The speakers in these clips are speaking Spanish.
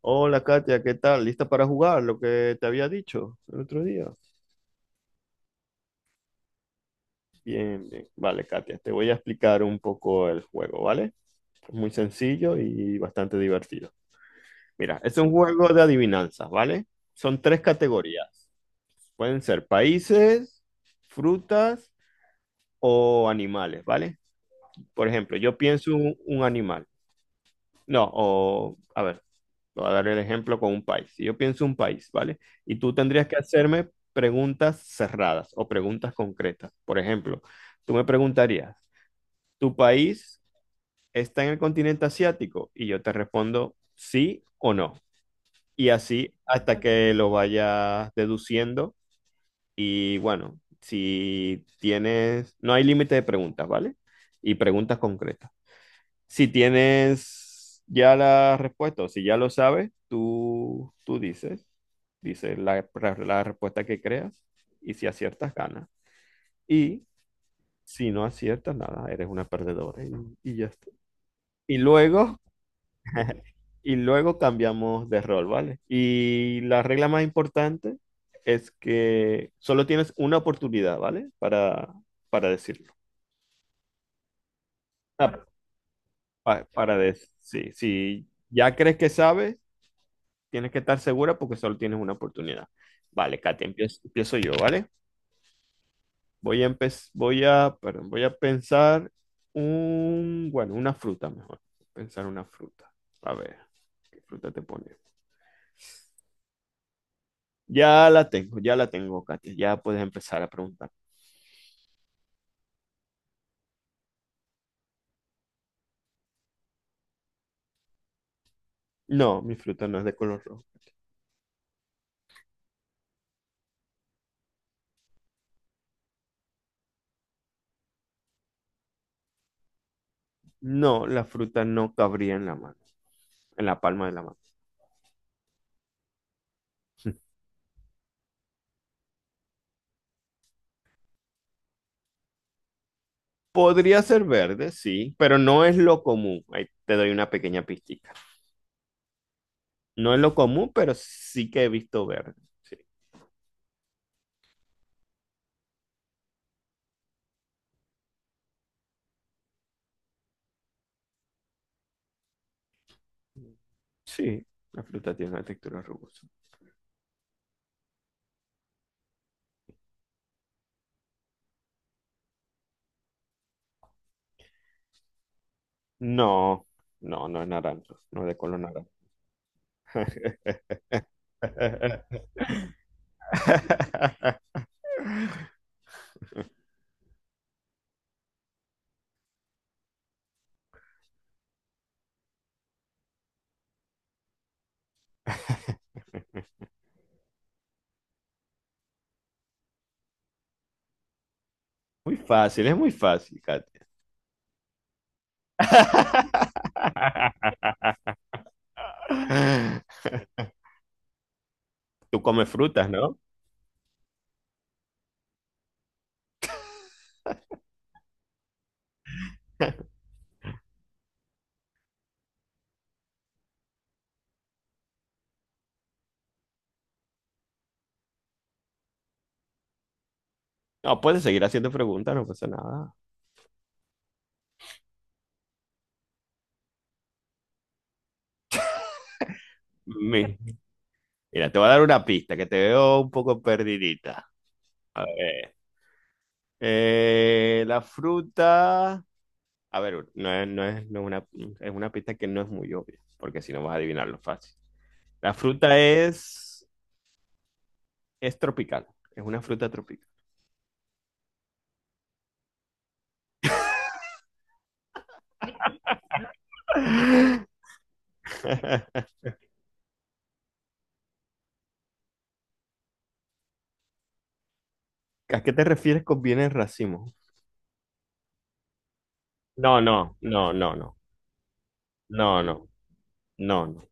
Hola Katia, ¿qué tal? ¿Lista para jugar? Lo que te había dicho el otro día. Bien. Vale, Katia, te voy a explicar un poco el juego, ¿vale? Es muy sencillo y bastante divertido. Mira, es un juego de adivinanzas, ¿vale? Son tres categorías. Pueden ser países, frutas o animales, ¿vale? Por ejemplo, yo pienso un animal. No, o a ver, te voy a dar el ejemplo con un país. Si yo pienso un país, ¿vale? Y tú tendrías que hacerme preguntas cerradas o preguntas concretas. Por ejemplo, tú me preguntarías, ¿tu país está en el continente asiático? Y yo te respondo sí o no. Y así hasta que lo vayas deduciendo. Y bueno, si tienes, no hay límite de preguntas, ¿vale? Y preguntas concretas. Si tienes ya la respuesta o si ya lo sabes, tú dices, dices la respuesta que creas y si aciertas, ganas. Y si no aciertas, nada, eres una perdedora y ya está. Y luego, y luego cambiamos de rol, ¿vale? Y la regla más importante es que solo tienes una oportunidad, ¿vale? Para decirlo. Ah, para, decir, sí, si ya crees que sabes, tienes que estar segura porque solo tienes una oportunidad. Vale, Katia, empiezo yo, ¿vale? Voy a, perdón, voy a pensar un, bueno, una fruta mejor. Pensar una fruta. A ver, ¿qué fruta te pone? Ya la tengo, Katia. Ya puedes empezar a preguntar. No, mi fruta no es de color rojo. No, la fruta no cabría en la mano, en la palma de la mano. Podría ser verde, sí, pero no es lo común. Ahí te doy una pequeña pista. No es lo común, pero sí que he visto verde. Sí, sí, la fruta tiene una textura rugosa. No, no es naranja, no es de color naranja. Muy fácil, es muy fácil, Katia. Tú comes frutas, ¿no? No, puedes seguir haciendo preguntas, no pasa nada. Mi- Mira, te voy a dar una pista que te veo un poco perdidita. A ver. La fruta a ver, no es una, es una pista que no es muy obvia, porque si no vas a adivinarlo fácil. La fruta es tropical, es una fruta tropical. ¿A qué te refieres con bienes racimo? No, no, no, no, no, no, no, no, no.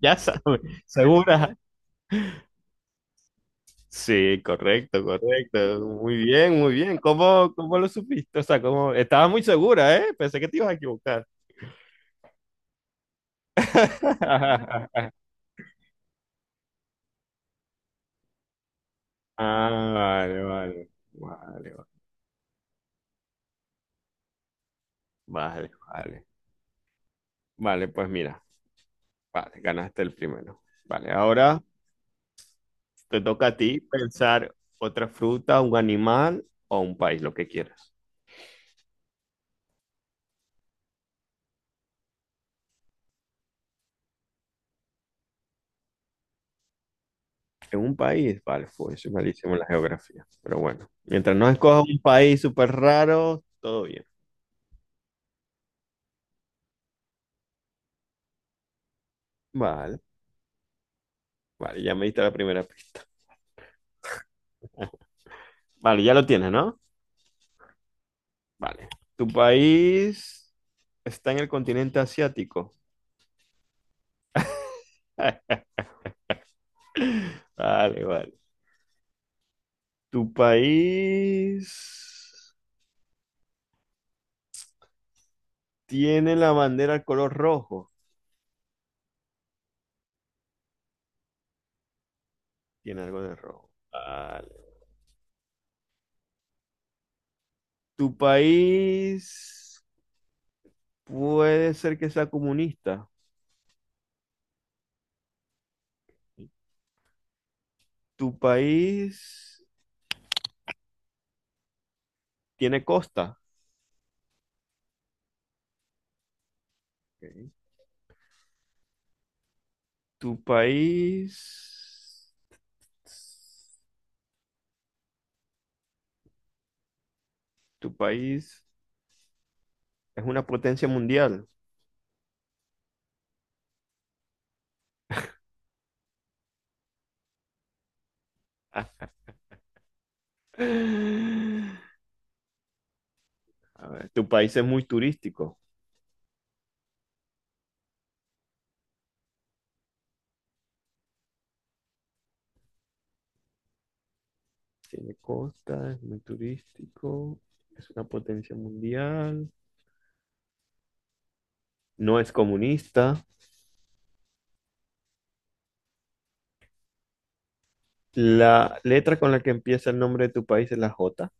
Ya sabes, ¿segura? Sí, correcto, correcto. Muy bien, muy bien. ¿Cómo, cómo lo supiste? O sea, ¿cómo? Estaba muy segura, ¿eh? Pensé que te ibas a equivocar. Ah, vale. Vale, vale. Vale, pues mira, vale, ganaste el primero. Vale, ahora te toca a ti pensar otra fruta, un animal o un país, lo que quieras. En un país, vale, pues soy malísimo en la geografía. Pero bueno, mientras no escojas un país súper raro, todo bien. Vale, vale, ya me diste la primera pista. Vale, ya lo tienes, ¿no? Vale. ¿Tu país está en el continente asiático? Vale, vale. ¿Tu país tiene la bandera color rojo? Tiene algo de rojo. Vale. Tu país puede ser que sea comunista. Tu país tiene costa. Ok. Tu país. Tu país es una potencia mundial. Ah. A ver, tu país es muy turístico. Tiene costa, es muy turístico. Es una potencia mundial. No es comunista. La letra con la que empieza el nombre de tu país es la J.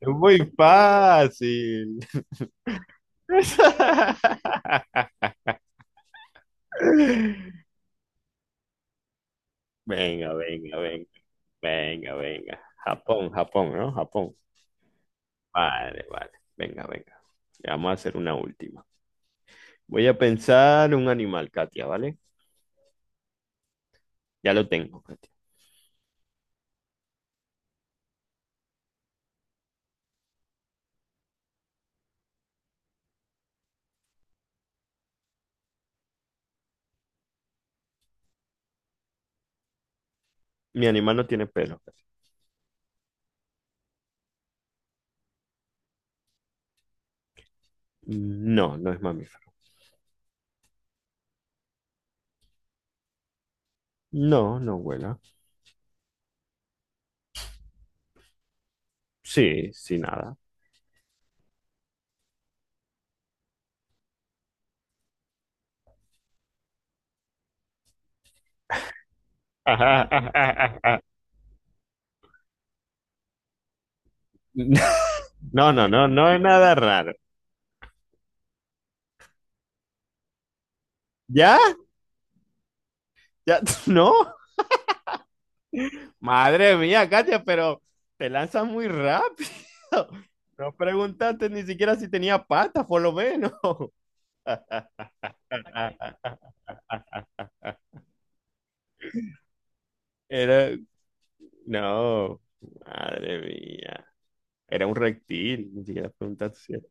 Es muy fácil. Venga, venga, venga, venga, venga. Japón, Japón, ¿no? Japón. Vale, vale. Venga, venga. Ya vamos a hacer una última. Voy a pensar un animal, Katia, ¿vale? Ya lo tengo, Katia. Mi animal no tiene pelo, Katia. No, no es mamífero. No, no vuela. Sí, sí, nada. No, no, no, no es nada raro. ¿Ya? ¿Ya? ¿No? Madre mía, Katia, pero te lanzas muy rápido. No preguntaste ni siquiera si tenía patas, por lo menos. Era, no, madre mía. Era un reptil, ni siquiera preguntaste si era.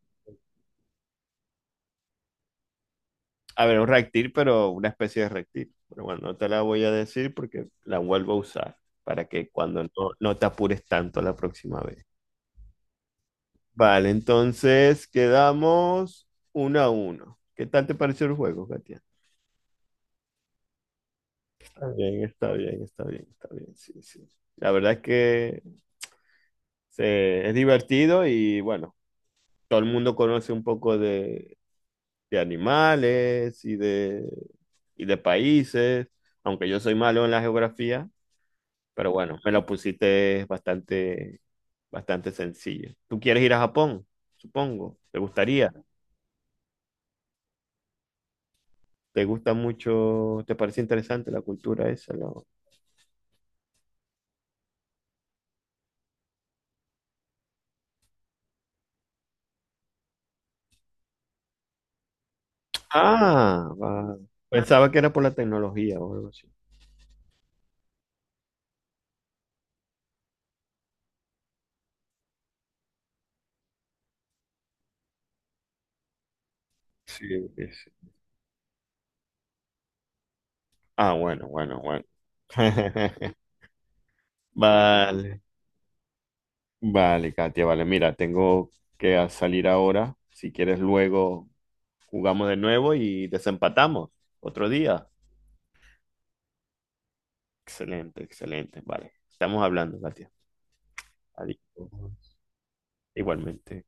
A ver, un reptil, pero una especie de reptil. Pero bueno, no te la voy a decir porque la vuelvo a usar para que cuando no, no te apures tanto la próxima vez. Vale, entonces quedamos uno a uno. ¿Qué tal te pareció el juego, Katia? Está bien, sí, sí. La verdad es que es divertido y bueno, todo el mundo conoce un poco de animales y de países, aunque yo soy malo en la geografía, pero bueno, me lo pusiste bastante sencillo. ¿Tú quieres ir a Japón? Supongo, ¿te gustaría? ¿Te gusta mucho? ¿Te parece interesante la cultura esa? Lo- Ah, va. Pensaba que era por la tecnología o algo así. Sí, sí. Ah, bueno. Vale, vale, Katia, vale. Mira, tengo que salir ahora. Si quieres, luego jugamos de nuevo y desempatamos otro día. Excelente, excelente. Vale, estamos hablando, Katia. Adiós. Igualmente.